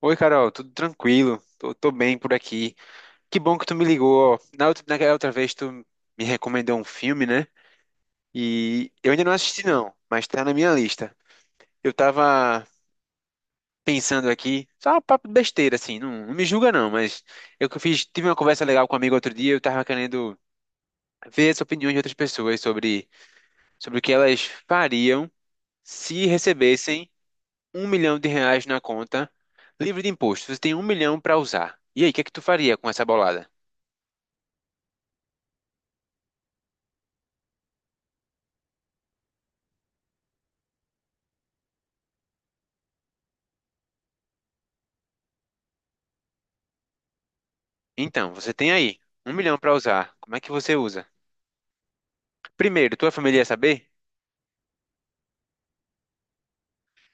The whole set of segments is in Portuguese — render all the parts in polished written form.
Oi, Carol, tudo tranquilo? Tô bem por aqui. Que bom que tu me ligou. Ó, naquela outra vez tu me recomendou um filme, né? E eu ainda não assisti não, mas tá na minha lista. Eu tava pensando aqui, só um papo de besteira assim, não me julga não, mas tive uma conversa legal com um amigo outro dia, eu tava querendo ver as opiniões de outras pessoas sobre o que elas fariam se recebessem um milhão de reais na conta, livre de imposto. Você tem um milhão pra usar. E aí, o que é que tu faria com essa bolada? Então, você tem aí um milhão para usar. Como é que você usa? Primeiro, tua família ia saber?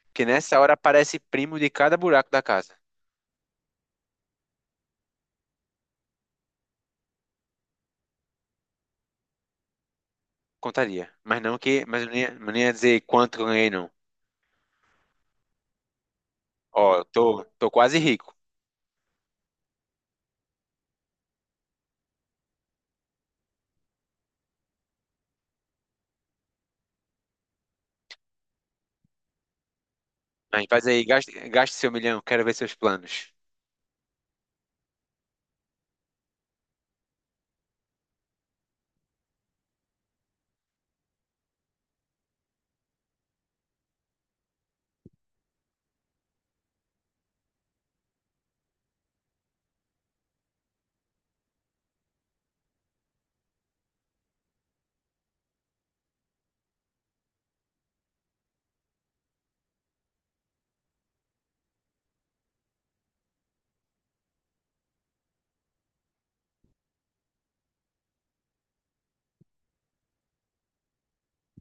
Porque nessa hora aparece primo de cada buraco da casa. Contaria. Mas eu não ia dizer quanto eu ganhei, não. Ó, tô quase rico. Mas faz aí, gaste seu milhão, quero ver seus planos.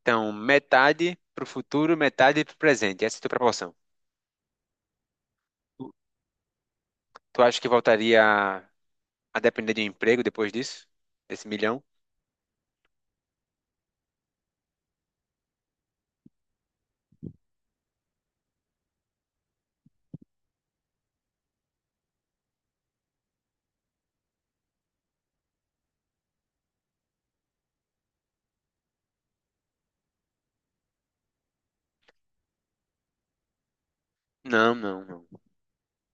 Então, metade pro futuro, metade pro presente. Essa é a tua proporção. Tu, tu acha que voltaria a depender de um emprego depois disso? Desse milhão? Não.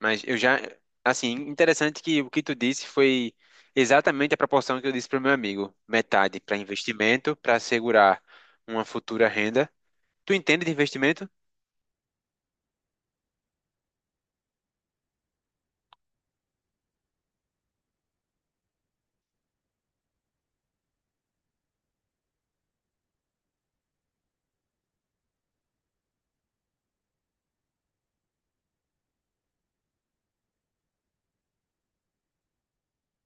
Mas eu já, interessante que o que tu disse foi exatamente a proporção que eu disse para o meu amigo, metade para investimento, para assegurar uma futura renda. Tu entende de investimento?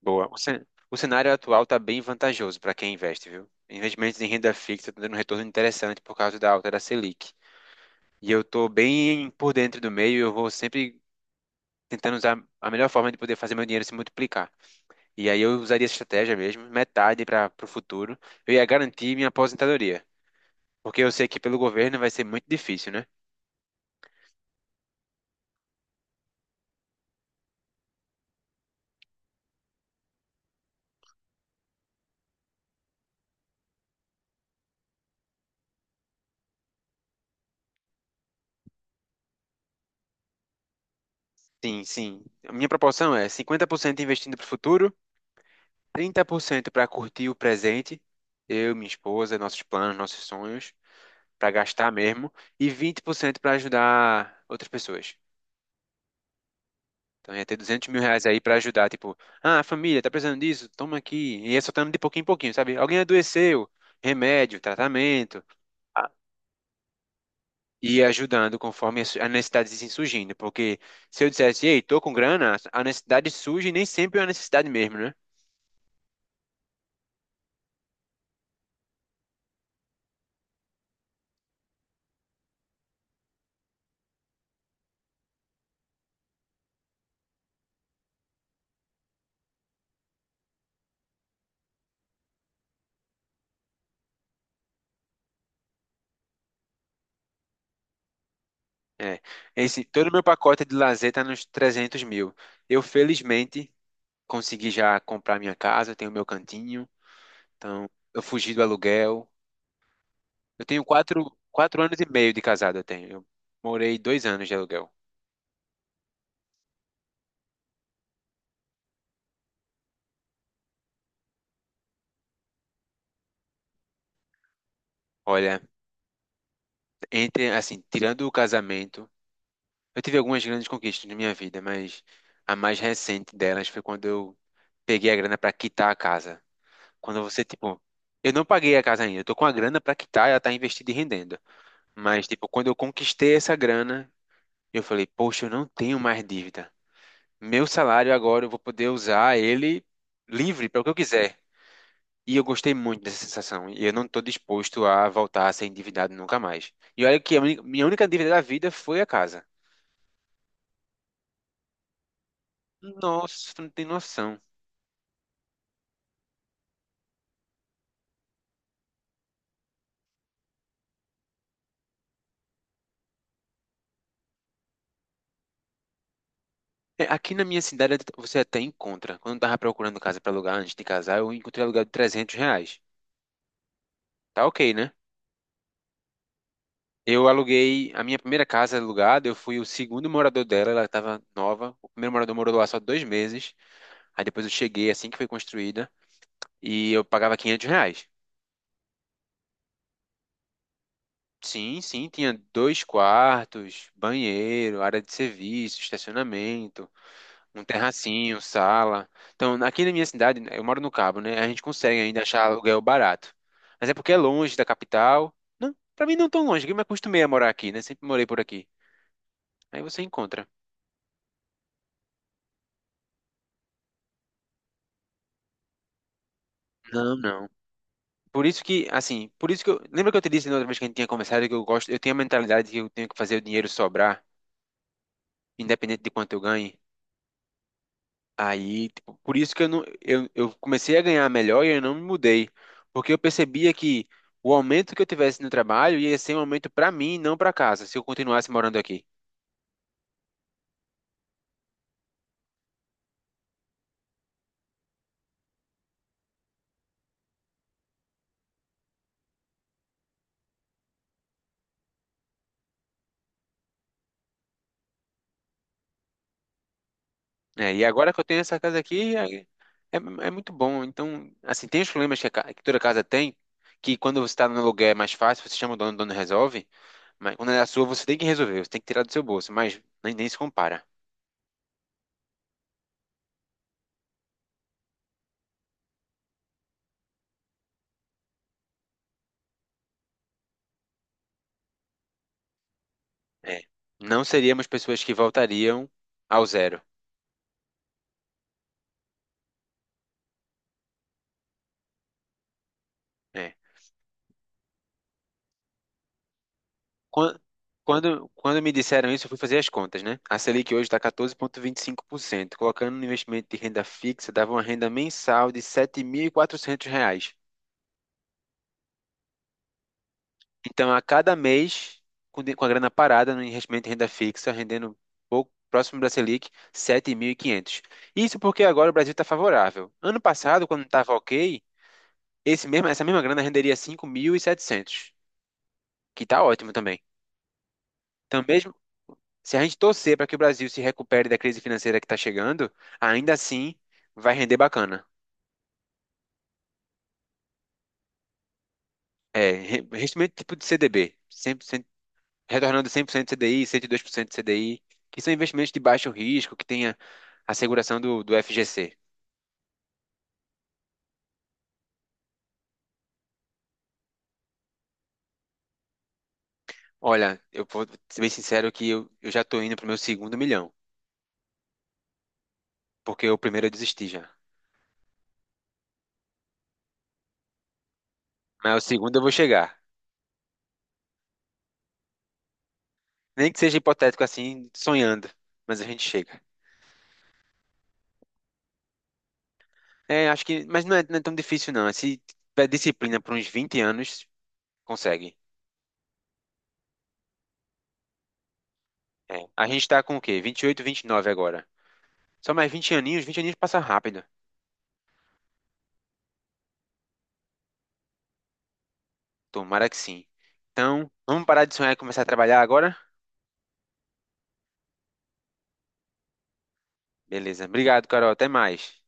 Boa. O cenário atual está bem vantajoso para quem investe, viu? Investimentos em renda fixa estão dando um retorno interessante por causa da alta da Selic. E eu estou bem por dentro do meio, eu vou sempre tentando usar a melhor forma de poder fazer meu dinheiro se multiplicar. E aí eu usaria essa estratégia mesmo, metade para o futuro. Eu ia garantir minha aposentadoria. Porque eu sei que pelo governo vai ser muito difícil, né? Sim. A minha proporção é 50% investindo para o futuro, 30% para curtir o presente, eu, minha esposa, nossos planos, nossos sonhos, para gastar mesmo, e 20% para ajudar outras pessoas. Então ia ter 200 mil reais aí para ajudar, tipo, ah, família, tá precisando disso? Toma aqui. E ia soltando de pouquinho em pouquinho, sabe? Alguém adoeceu, remédio, tratamento. E ajudando conforme as necessidades assim surgindo. Porque se eu dissesse, ei, tô com grana, a necessidade surge e nem sempre é uma necessidade mesmo, né? É. Esse, todo o meu pacote de lazer tá nos 300 mil. Eu, felizmente, consegui já comprar minha casa, eu tenho meu cantinho, então eu fugi do aluguel. Eu tenho quatro anos e meio de casado, eu tenho. Eu morei dois anos de aluguel. Olha, entre, assim, tirando o casamento, eu tive algumas grandes conquistas na minha vida, mas a mais recente delas foi quando eu peguei a grana para quitar a casa. Quando você, tipo, eu não paguei a casa ainda, eu tô com a grana para quitar, ela tá investida e rendendo. Mas, tipo, quando eu conquistei essa grana, eu falei, poxa, eu não tenho mais dívida. Meu salário agora eu vou poder usar ele livre para o que eu quiser. E eu gostei muito dessa sensação. E eu não tô disposto a voltar a ser endividado nunca mais. E olha que minha única dívida da vida foi a casa. Nossa, tu não tem noção. É, aqui na minha cidade você até encontra. Quando eu tava procurando casa pra alugar antes de casar, eu encontrei aluguel de trezentos reais. Tá ok, né? Eu aluguei a minha primeira casa alugada, eu fui o segundo morador dela, ela estava nova. O primeiro morador morou lá só dois meses. Aí depois eu cheguei assim que foi construída e eu pagava quinhentos reais. Sim, tinha dois quartos, banheiro, área de serviço, estacionamento. Um terracinho, sala. Então, aqui na minha cidade, né, eu moro no Cabo, né? A gente consegue ainda achar aluguel barato. Mas é porque é longe da capital. Não, pra mim não é tão longe, que eu me acostumei a morar aqui, né? Sempre morei por aqui. Aí você encontra. Não, não. Por isso que, assim, por isso que eu. Lembra que eu te disse na outra vez que a gente tinha conversado que eu gosto, eu tenho a mentalidade que eu tenho que fazer o dinheiro sobrar, independente de quanto eu ganhe? Aí, tipo, por isso que eu, não, eu comecei a ganhar melhor e eu não me mudei, porque eu percebia que o aumento que eu tivesse no trabalho ia ser um aumento para mim, não para casa, se eu continuasse morando aqui. É, e agora que eu tenho essa casa aqui, é muito bom. Então, assim, tem os problemas que toda casa tem, que quando você está no aluguel é mais fácil, você chama o dono resolve, mas quando é a sua você tem que resolver, você tem que tirar do seu bolso, mas nem se compara. É, não seríamos pessoas que voltariam ao zero. Né? Quan- quando me disseram isso, eu fui fazer as contas, né? A Selic hoje está quatorze vírgula vinte e cinco por cento. Colocando no investimento de renda fixa, dava uma renda mensal de 7.400 reais. Então, a cada mês, com a grana parada no investimento de renda fixa, rendendo pouco próximo da Selic, 7.500. Isso porque agora o Brasil está favorável. Ano passado, quando estava ok, essa mesma grana renderia 5.700, que está ótimo também. Então, mesmo se a gente torcer para que o Brasil se recupere da crise financeira que está chegando, ainda assim vai render bacana. É, investimento tipo de CDB, 100%, retornando 100% CDI, 102% CDI, que são investimentos de baixo risco, que tenha a seguração do FGC. Olha, eu vou ser bem sincero que eu já estou indo para o meu segundo milhão, porque o primeiro eu desisti já. Mas o segundo eu vou chegar. Nem que seja hipotético assim, sonhando, mas a gente chega. É, acho que, não é tão difícil não. É. Se tiver disciplina por uns 20 anos, consegue. É. A gente tá com o quê? Vinte e oito, vinte e nove agora. Só mais 20 aninhos passa rápido. Tomara que sim. Então, vamos parar de sonhar e começar a trabalhar agora? Beleza. Obrigado, Carol. Até mais.